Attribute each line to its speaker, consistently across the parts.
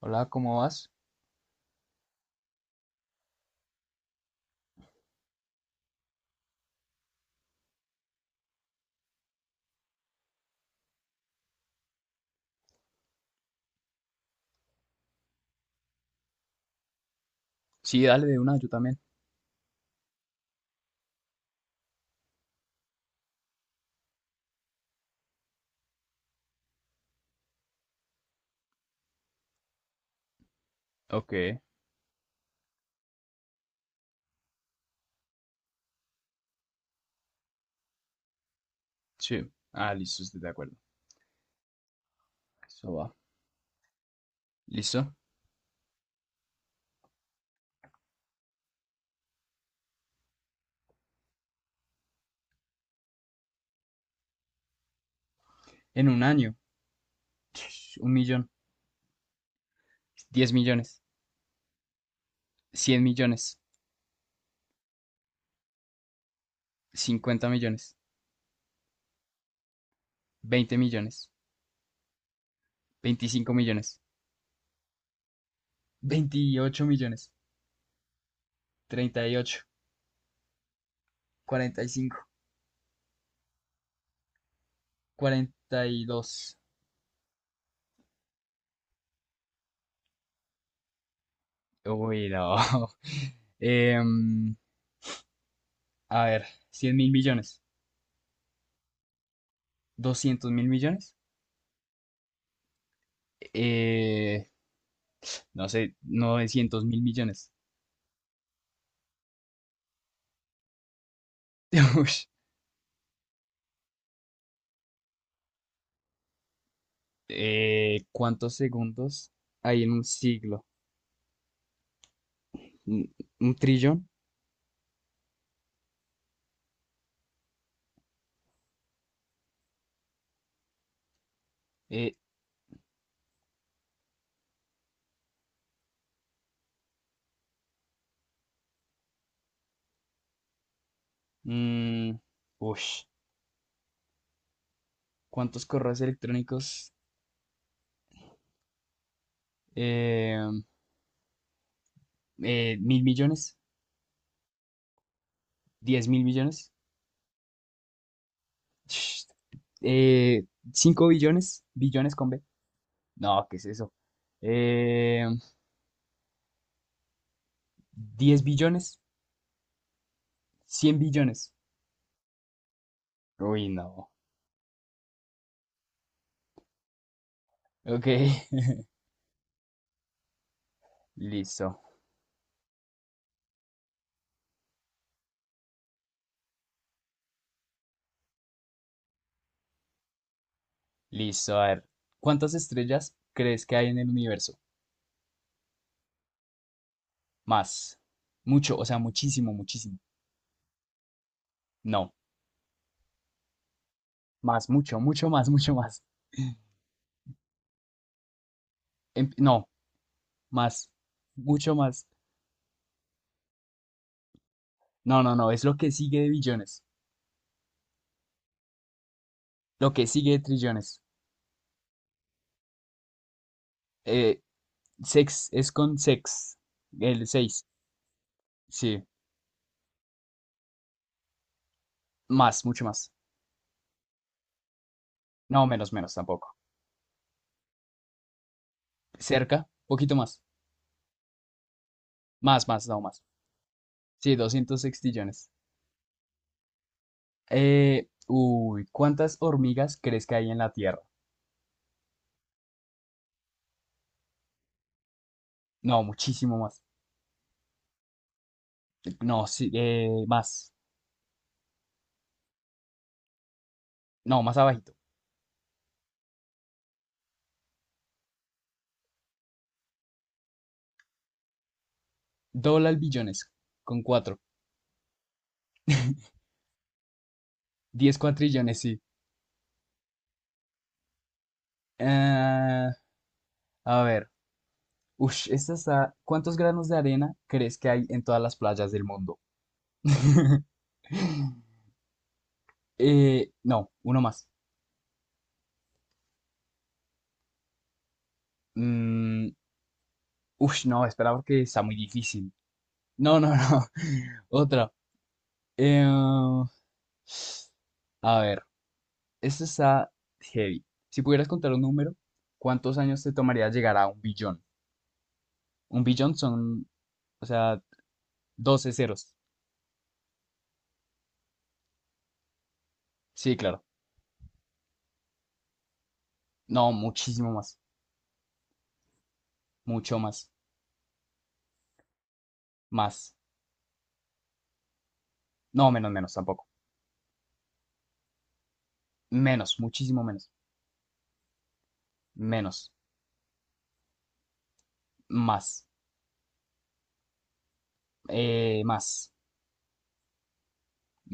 Speaker 1: Hola, ¿cómo vas? Sí, dale de una, yo también. Ok, sí. Ah, listo, estoy de acuerdo. Eso va. ¿Listo? En un año, un millón, 10 millones, 100 millones, 50 millones, 20 millones, 25 millones, 28 millones, treinta y ocho, 45, 42. Uy, no. Em, a ver, 100.000 millones, 200.000 millones, eh, no sé, 900 mil millones. ¿Cuántos segundos hay en un siglo? ¿Un, un trillón? Eh, mm, ush. ¿Cuántos correos electrónicos? Eh, ¿mil millones? ¿10.000 millones? Sh. Eh, ¿cinco billones? ¿Billones con B? No, ¿qué es eso? Eh, ¿diez billones? ¿100 billones? Uy, no. Ok, listo, listo. A ver, ¿cuántas estrellas crees que hay en el universo? Más. Mucho, o sea, muchísimo, muchísimo. No. Más, mucho, mucho más, mucho más. No, más. Mucho más. No, no, no. Es lo que sigue de billones. Lo que sigue de trillones. Eh, sex, es con sex. El seis. Sí. Más, mucho más. No, menos, menos tampoco. Cerca, poquito más. Más, más, no más. Sí, 200 sextillones. Uy, ¿cuántas hormigas crees que hay en la Tierra? No, muchísimo más. No, sí, más. No, más abajito. Dólar billones con cuatro. 10 cuatrillones, sí. Ah, a ver. Ush, esta está. ¿Cuántos granos de arena crees que hay en todas las playas del mundo? No, uno más. Mm, ush, no, espera porque está muy difícil. No, no, no. Otra. Eh, a ver, esta está heavy. Si pudieras contar un número, ¿cuántos años te tomaría llegar a un billón? Un billón son, o sea, 12 ceros. Sí, claro. No, muchísimo más. Mucho más. Más. No, menos, menos tampoco. Menos, muchísimo menos. Menos. Más. Más.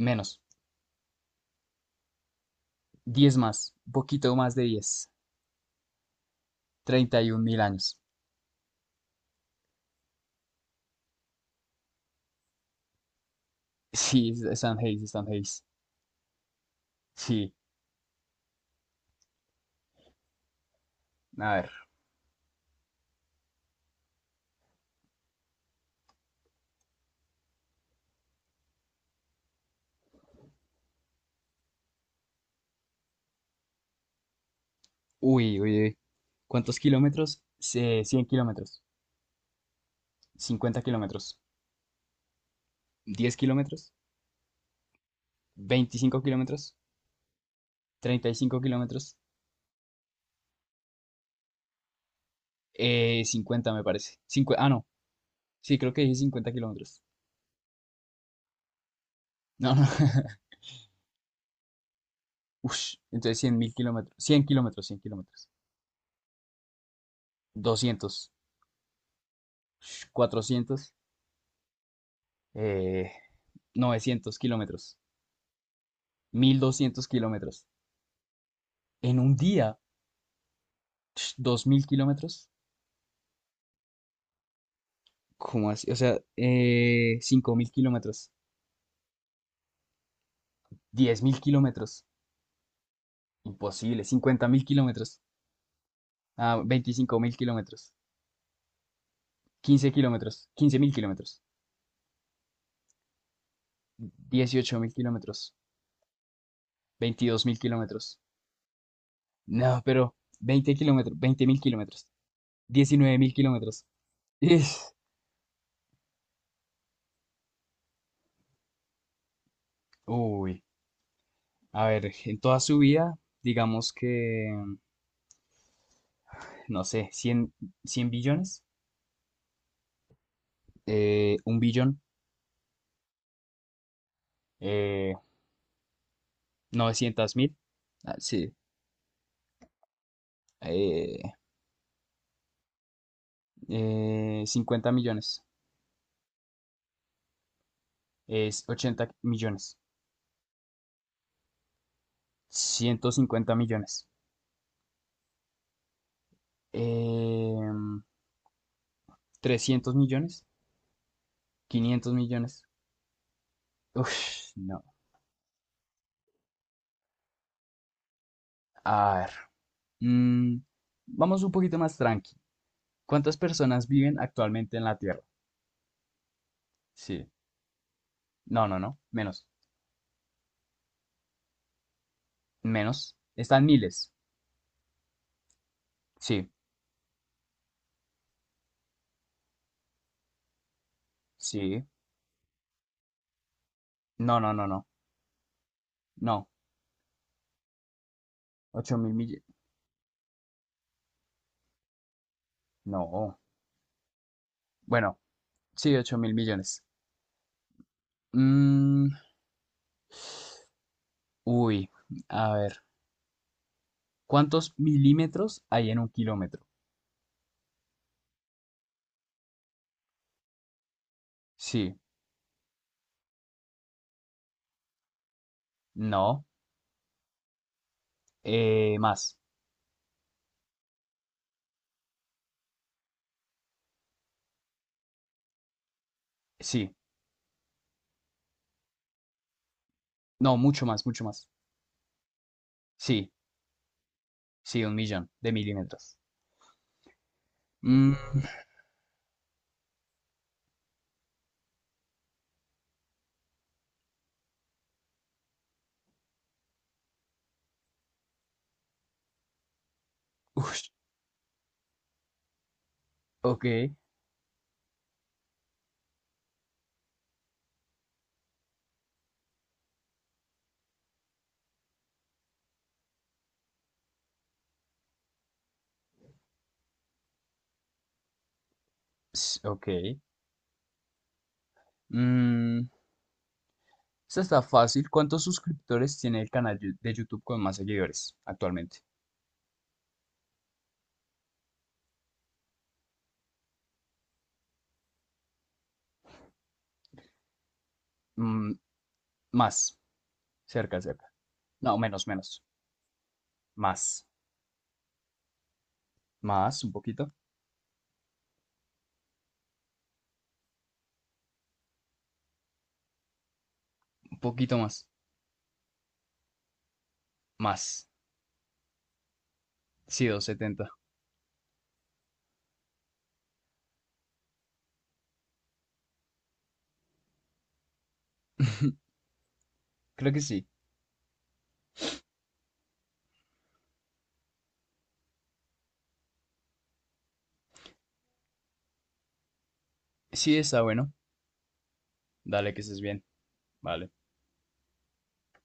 Speaker 1: Menos. Diez más. Un poquito más de diez 31.000 años. Sí, están heavy, están heavy. Sí. A ver. Uy, uy, uy. ¿Cuántos kilómetros? 100 kilómetros. 50 kilómetros. 10 kilómetros. 25 kilómetros. Treinta y cinco kilómetros. 50 me parece. Ah, no. Sí, creo que dije 50 kilómetros. No, no. Ush, entonces 100.000 kilómetros. 100 kilómetros, 100 kilómetros. Doscientos, ush, 400, eh, 900 kilómetros. 1200 kilómetros. En un día, ush, 2000 kilómetros. ¿Cómo así? O sea, 5000 kilómetros. 10.000 kilómetros. Imposible. 50.000 kilómetros. Ah, 25.000 kilómetros. 15 kilómetros. 15.000 kilómetros. 18.000 kilómetros. 22.000 kilómetros. No, pero 20 kilómetros, 20.000 kilómetros, 19.000 kilómetros. Ish, uy, a ver, en toda su vida, digamos que, no sé, 100, 100 billones, un billón, eh, 900 mil, ah, sí, eh, 50 millones, es 80 millones, 150 millones, eh, 300 millones, 500 millones. Uf, no. A ver. Mm, vamos un poquito más tranqui. ¿Cuántas personas viven actualmente en la Tierra? Sí. No, no, no. Menos. Menos. Están miles. Sí. Sí. No, no, no, no. No. 8000 millones. No. Bueno, sí, 8000 millones. Mm, uy. A ver. ¿Cuántos milímetros hay en un kilómetro? Sí. No. Más. Sí. No, mucho más, mucho más. Sí. Sí, un millón de milímetros. Mm, ush, ok. Ok. Mm, esta está fácil. ¿Cuántos suscriptores tiene el canal de YouTube con más seguidores actualmente? Mm, más. Cerca, cerca. No, menos, menos. Más. Más, un poquito. Un poquito más. Más. Sí, 270. Creo que sí. Sí, está bueno. Dale, que estés bien. Vale.